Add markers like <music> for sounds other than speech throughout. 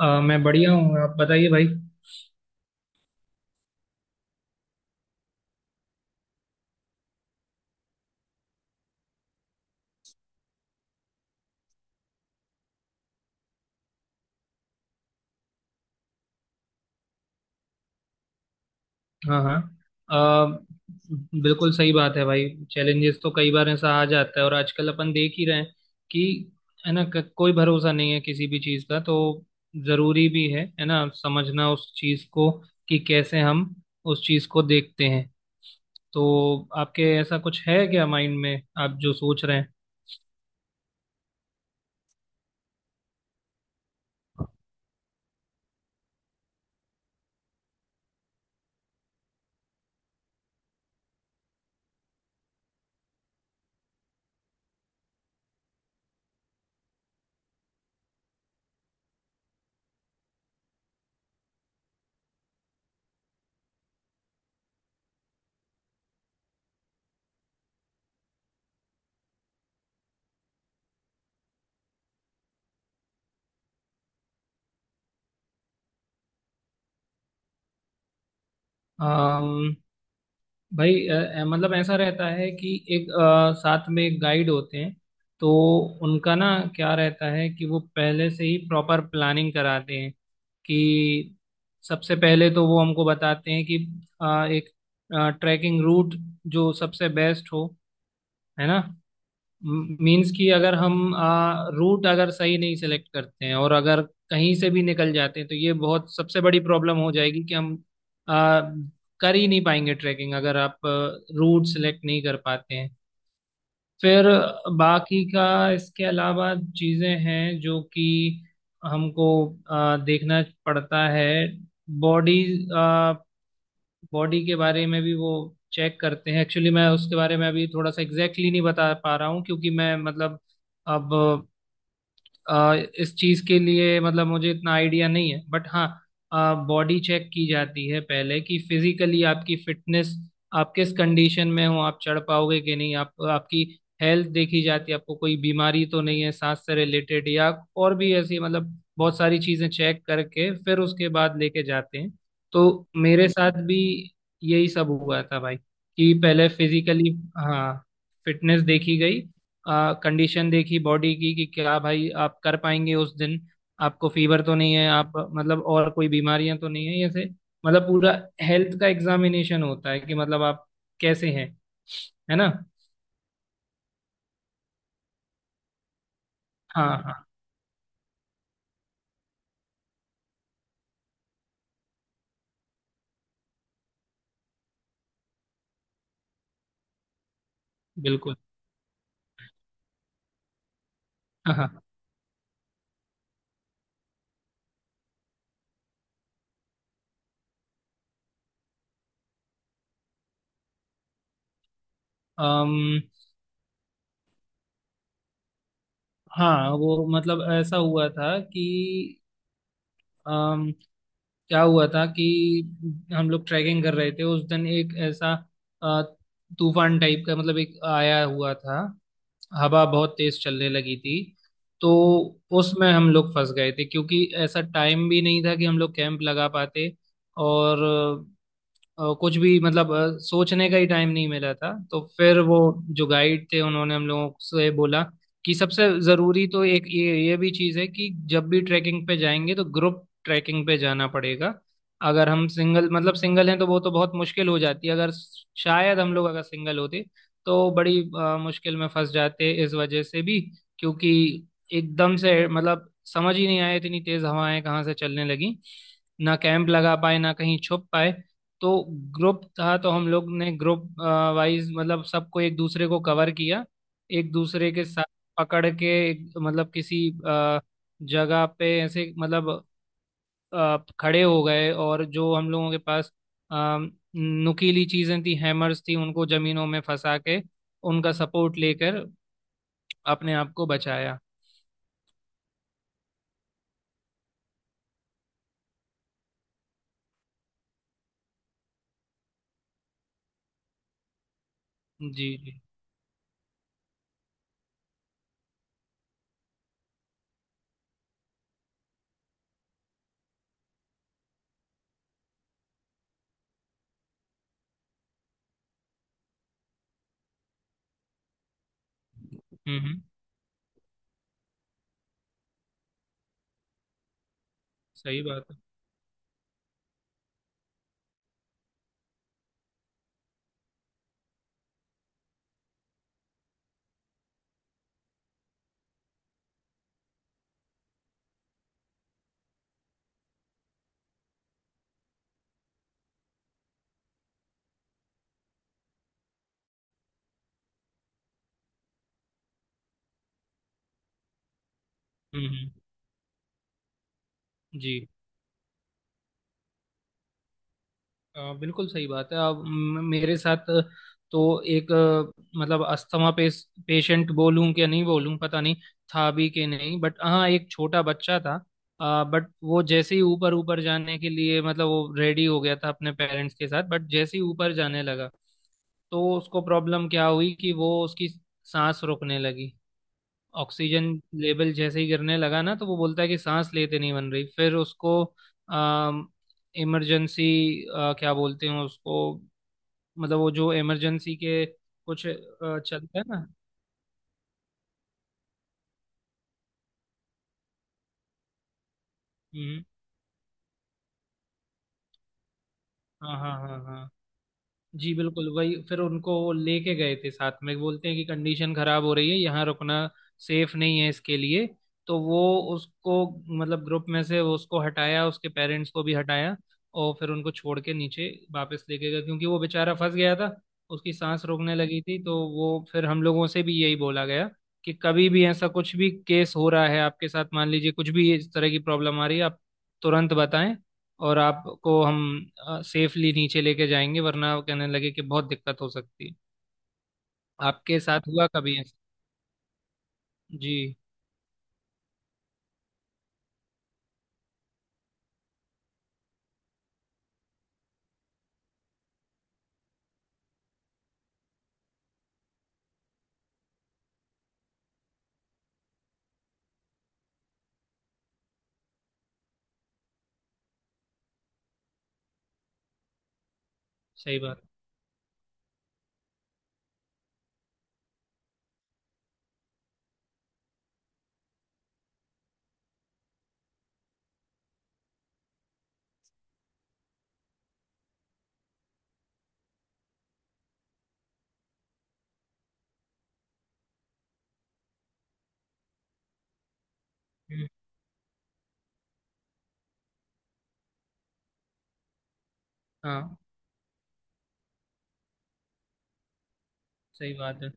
मैं बढ़िया हूँ। आप बताइए भाई। हाँ हाँ। अ, बिल्कुल सही बात है भाई। चैलेंजेस तो कई बार ऐसा आ जाता है, और आजकल अपन देख ही रहे हैं कि, है ना, कोई भरोसा नहीं है किसी भी चीज़ का। तो ज़रूरी भी है ना, समझना उस चीज़ को कि कैसे हम उस चीज़ को देखते हैं। तो आपके ऐसा कुछ है क्या माइंड में, आप जो सोच रहे हैं भाई? मतलब ऐसा रहता है कि एक, साथ में गाइड होते हैं। तो उनका ना क्या रहता है कि वो पहले से ही प्रॉपर प्लानिंग कराते हैं कि सबसे पहले तो वो हमको बताते हैं कि एक ट्रैकिंग रूट जो सबसे बेस्ट हो, है ना। मीन्स कि अगर हम रूट अगर सही नहीं सेलेक्ट करते हैं और अगर कहीं से भी निकल जाते हैं तो ये बहुत सबसे बड़ी प्रॉब्लम हो जाएगी कि हम आ, कर ही नहीं पाएंगे ट्रैकिंग, अगर आप रूट सेलेक्ट नहीं कर पाते हैं। फिर बाकी का, इसके अलावा चीज़ें हैं जो कि हमको देखना पड़ता है। बॉडी बॉडी के बारे में भी वो चेक करते हैं। एक्चुअली मैं उसके बारे में अभी थोड़ा सा एग्जैक्टली exactly नहीं बता पा रहा हूँ, क्योंकि मैं मतलब, अब, आ, इस चीज के लिए मतलब मुझे इतना आइडिया नहीं है। बट हाँ, बॉडी चेक की जाती है पहले, कि फिजिकली आपकी फिटनेस, आप किस कंडीशन में हो, आप चढ़ पाओगे कि नहीं, आप आपकी हेल्थ देखी जाती है, आपको कोई बीमारी तो नहीं है सांस से रिलेटेड, या और भी ऐसी, मतलब बहुत सारी चीजें चेक करके फिर उसके बाद लेके जाते हैं। तो मेरे साथ भी यही सब हुआ था भाई, कि पहले फिजिकली, हाँ, फिटनेस देखी गई, कंडीशन देखी बॉडी की, कि क्या भाई आप कर पाएंगे उस दिन, आपको फीवर तो नहीं है, आप मतलब और कोई बीमारियां तो नहीं है जैसे, मतलब पूरा हेल्थ का एग्जामिनेशन होता है कि मतलब आप कैसे हैं। है ना। हाँ हाँ। बिल्कुल। हाँ हाँ। अम, हाँ वो मतलब ऐसा हुआ था कि, अम, क्या हुआ था कि हम लोग ट्रैकिंग कर रहे थे उस दिन। एक ऐसा अ, तूफान टाइप का, मतलब एक आया हुआ था। हवा बहुत तेज चलने लगी थी। तो उसमें हम लोग फंस गए थे, क्योंकि ऐसा टाइम भी नहीं था कि हम लोग कैंप लगा पाते। और कुछ भी मतलब सोचने का ही टाइम नहीं मिला था। तो फिर वो जो गाइड थे उन्होंने हम लोगों से बोला कि सबसे ज़रूरी तो एक ये भी चीज़ है कि जब भी ट्रैकिंग पे जाएंगे तो ग्रुप ट्रैकिंग पे जाना पड़ेगा। अगर हम सिंगल, मतलब सिंगल हैं, तो वो तो बहुत मुश्किल हो जाती है। अगर शायद हम लोग अगर सिंगल होते तो बड़ी मुश्किल में फंस जाते इस वजह से भी, क्योंकि एकदम से मतलब समझ ही नहीं आया, इतनी तेज़ हवाएं कहाँ से चलने लगी। ना कैंप लगा पाए, ना कहीं छुप पाए। तो ग्रुप था तो हम लोग ने ग्रुप वाइज, मतलब सबको एक दूसरे को कवर किया, एक दूसरे के साथ पकड़ के, मतलब किसी जगह पे ऐसे मतलब खड़े हो गए। और जो हम लोगों के पास अ, नुकीली चीजें थी, हैमर्स थी, उनको जमीनों में फंसा के, उनका सपोर्ट लेकर अपने आप को बचाया। जी जी। हम्म। सही बात है। हम्म। जी, बिल्कुल सही बात है। अब मेरे साथ तो एक, मतलब अस्थमा पेशेंट बोलूं कि नहीं बोलूं पता नहीं, था भी कि नहीं, बट हाँ, एक छोटा बच्चा था। बट वो जैसे ही ऊपर ऊपर जाने के लिए मतलब वो रेडी हो गया था अपने पेरेंट्स के साथ, बट जैसे ही ऊपर जाने लगा तो उसको प्रॉब्लम क्या हुई कि वो, उसकी सांस रुकने लगी। ऑक्सीजन लेवल जैसे ही गिरने लगा ना, तो वो बोलता है कि सांस लेते नहीं बन रही। फिर उसको अम इमरजेंसी, क्या बोलते हैं उसको, मतलब वो जो इमरजेंसी के कुछ चलता है ना। हम्म। हाँ हाँ हाँ हाँ। जी बिल्कुल वही। फिर उनको वो लेके गए थे साथ में, बोलते हैं कि कंडीशन खराब हो रही है, यहाँ रुकना सेफ नहीं है इसके लिए। तो वो उसको, मतलब ग्रुप में से वो उसको हटाया, उसके पेरेंट्स को भी हटाया, और फिर उनको छोड़ के नीचे वापस लेके गया, क्योंकि वो बेचारा फंस गया था, उसकी सांस रोकने लगी थी। तो वो फिर हम लोगों से भी यही बोला गया कि कभी भी ऐसा कुछ भी केस हो रहा है आपके साथ, मान लीजिए कुछ भी इस तरह की प्रॉब्लम आ रही है आप, तुरंत बताएं। और आपको हम सेफली नीचे लेके जाएंगे, वरना वो कहने लगे कि बहुत दिक्कत हो सकती है। आपके साथ हुआ कभी ऐसा? जी। सही बात है। हाँ, सही बात है।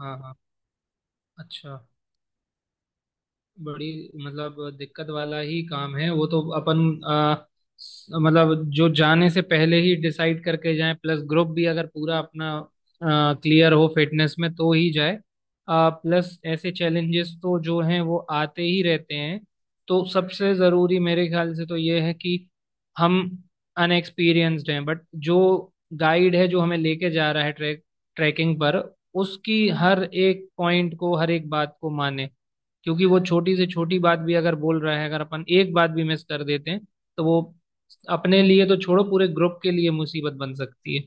हाँ हाँ। अच्छा, बड़ी मतलब दिक्कत वाला ही काम है वो तो। अपन, अ, मतलब जो जाने से पहले ही डिसाइड करके जाए, प्लस ग्रुप भी अगर पूरा अपना क्लियर हो फिटनेस में तो ही जाए। प्लस ऐसे चैलेंजेस तो जो हैं वो आते ही रहते हैं। तो सबसे ज़रूरी मेरे ख्याल से तो ये है कि हम अनएक्सपीरियंस्ड हैं, बट जो गाइड है जो हमें लेके जा रहा है ट्रैकिंग पर, उसकी हर एक पॉइंट को, हर एक बात को माने। क्योंकि वो छोटी से छोटी बात भी अगर बोल रहा है, अगर अपन एक बात भी मिस कर देते हैं, तो वो अपने लिए तो छोड़ो, पूरे ग्रुप के लिए मुसीबत बन सकती है।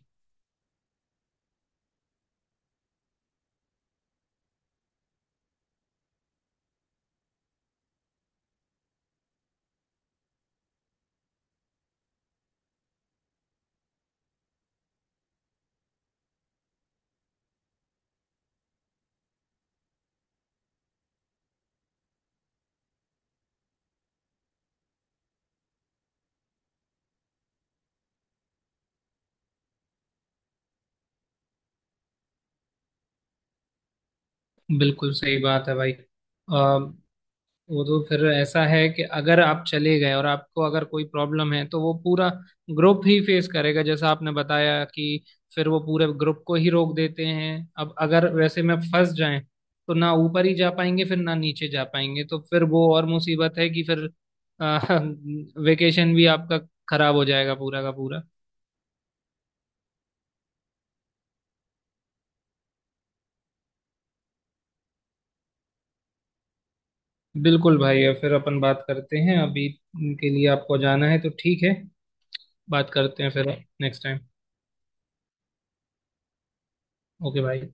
बिल्कुल सही बात है भाई। वो तो फिर ऐसा है कि अगर आप चले गए और आपको अगर कोई प्रॉब्लम है, तो वो पूरा ग्रुप ही फेस करेगा, जैसा आपने बताया कि फिर वो पूरे ग्रुप को ही रोक देते हैं। अब अगर वैसे में फंस जाएं तो ना ऊपर ही जा पाएंगे फिर, ना नीचे जा पाएंगे, तो फिर वो और मुसीबत है कि फिर <laughs> वेकेशन भी आपका खराब हो जाएगा पूरा का पूरा। बिल्कुल भाई। अब फिर अपन बात करते हैं। अभी के लिए आपको जाना है तो ठीक है, बात करते हैं फिर नेक्स्ट टाइम। ओके भाई।